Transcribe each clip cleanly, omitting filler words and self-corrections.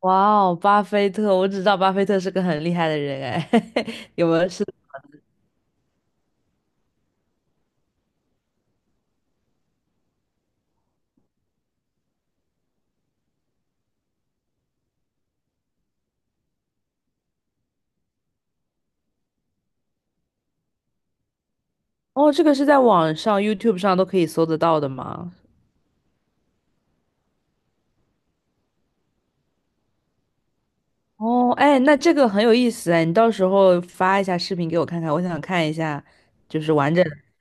哇哦，巴菲特，我只知道巴菲特是个很厉害的人哎，有没有是？哦，这个是在网上 YouTube 上都可以搜得到的吗？哦，哎，那这个很有意思哎，你到时候发一下视频给我看看，我想看一下，就是完整的。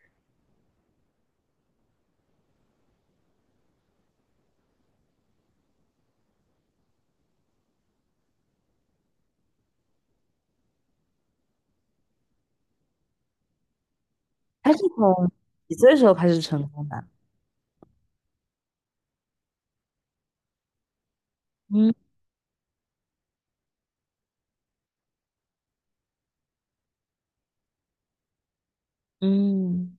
他是从几岁的时候开始成功的？嗯嗯，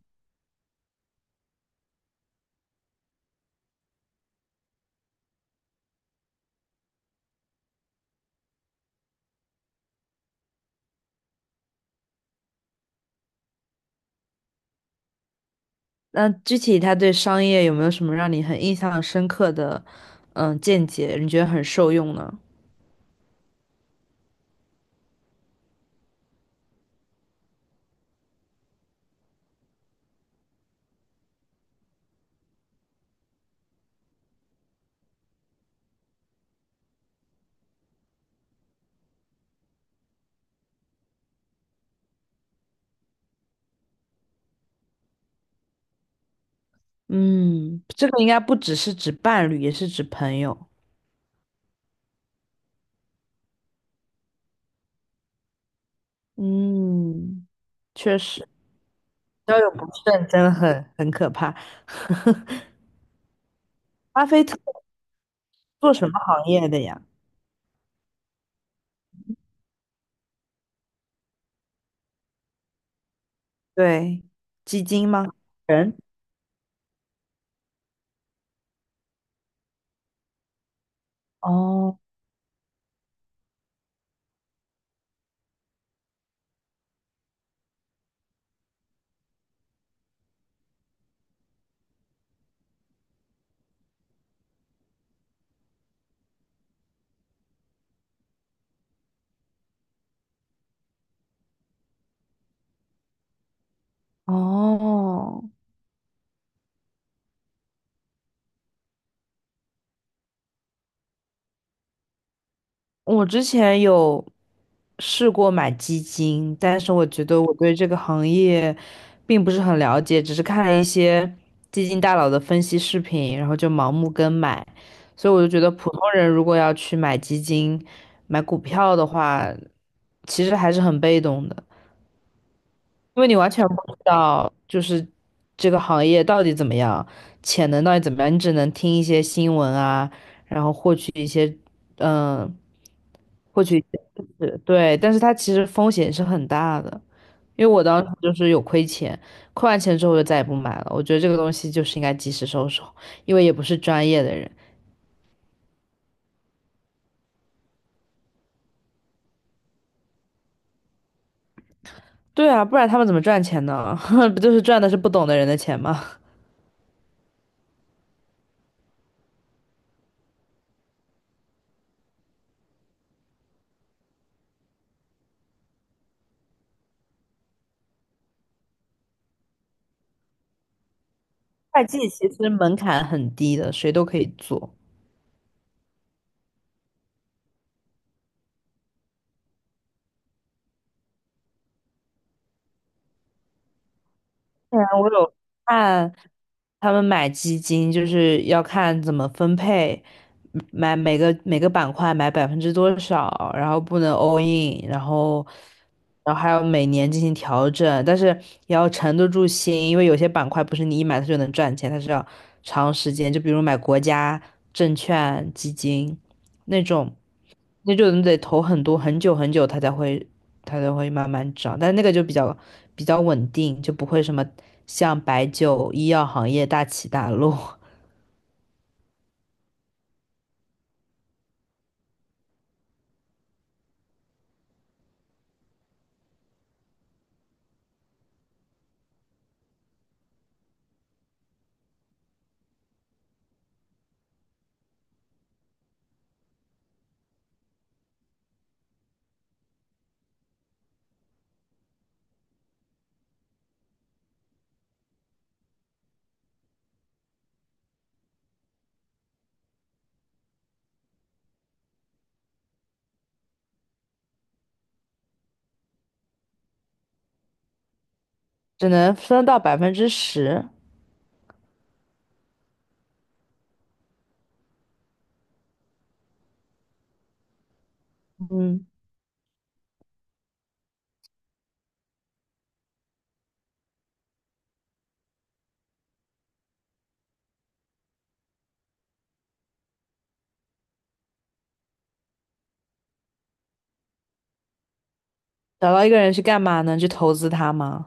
那具体他对商业有没有什么让你很印象深刻的见解？你觉得很受用呢？嗯，这个应该不只是指伴侣，也是指朋友。嗯，确实，交友不慎真的很可怕。巴菲特做什么行业的呀？对，基金吗？人？哦哦，我之前有试过买基金，但是我觉得我对这个行业并不是很了解，只是看了一些基金大佬的分析视频，然后就盲目跟买，所以我就觉得普通人如果要去买基金、买股票的话，其实还是很被动的，因为你完全不知道就是这个行业到底怎么样，潜能到底怎么样，你只能听一些新闻啊，然后获取一些嗯。呃获取是对，但是它其实风险是很大的，因为我当时就是有亏钱，亏完钱之后我就再也不买了。我觉得这个东西就是应该及时收手，因为也不是专业的人。对啊，不然他们怎么赚钱呢？不就是赚的是不懂的人的钱吗？会计其实门槛很低的，谁都可以做。对啊，我有看，他们买基金就是要看怎么分配，买每个板块买百分之多少，然后不能 all in,然后还要每年进行调整，但是也要沉得住心，因为有些板块不是你一买它就能赚钱，它是要长时间，就比如买国家证券基金那种。那就你得投很多很久很久，它才会慢慢涨，但那个就比较稳定，就不会什么像白酒、医药行业大起大落，只能分到10%。嗯，找到一个人去干嘛呢？去投资他吗？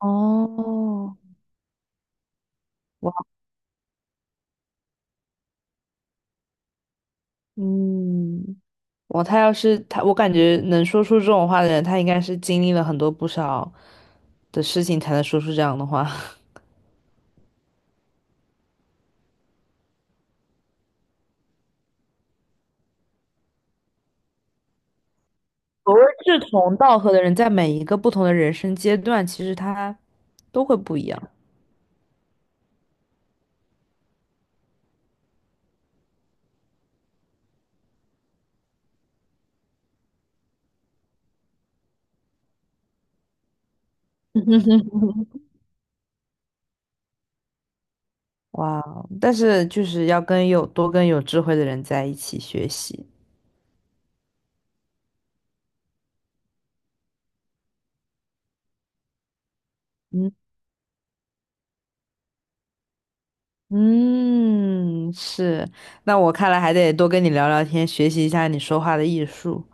哦，哇，嗯，哇，他要是他，我感觉能说出这种话的人，他应该是经历了很多不少的事情才能说出这样的话。所谓志同道合的人，在每一个不同的人生阶段，其实他都会不一样。哇哦，但是就是要跟有多跟有智慧的人在一起学习。嗯嗯，是。那我看来还得多跟你聊聊天，学习一下你说话的艺术。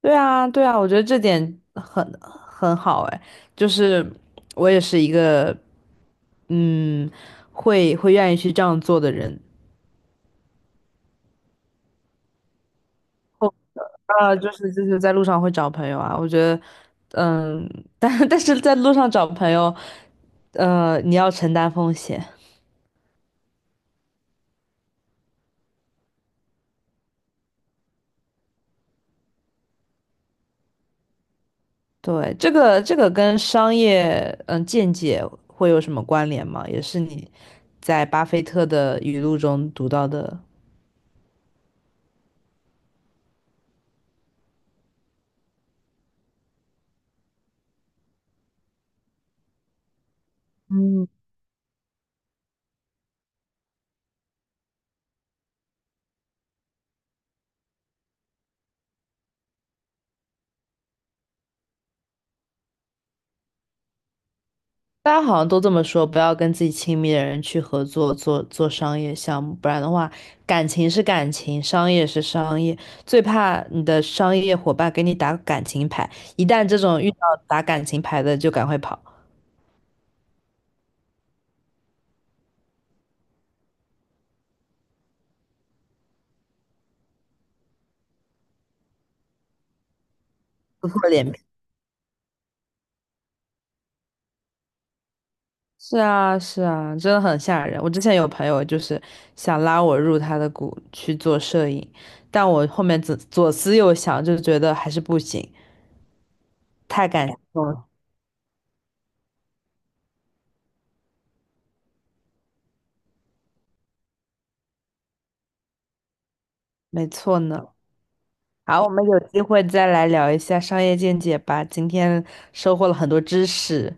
对啊，对啊，我觉得这点很好哎，就是我也是一个嗯，会愿意去这样做的人。啊，就是在路上会找朋友啊，我觉得，嗯，但 但是在路上找朋友，你要承担风险。对，这个跟商业见解会有什么关联吗？也是你在巴菲特的语录中读到的？大家好像都这么说，不要跟自己亲密的人去合作做商业项目，不然的话，感情是感情，商业是商业，最怕你的商业伙伴给你打感情牌，一旦这种遇到打感情牌的，就赶快跑，撕破脸皮。是啊，是啊，真的很吓人。我之前有朋友就是想拉我入他的股去做摄影，但我后面左思右想，就觉得还是不行，太感动了。没错呢。好，我们有机会再来聊一下商业见解吧。今天收获了很多知识。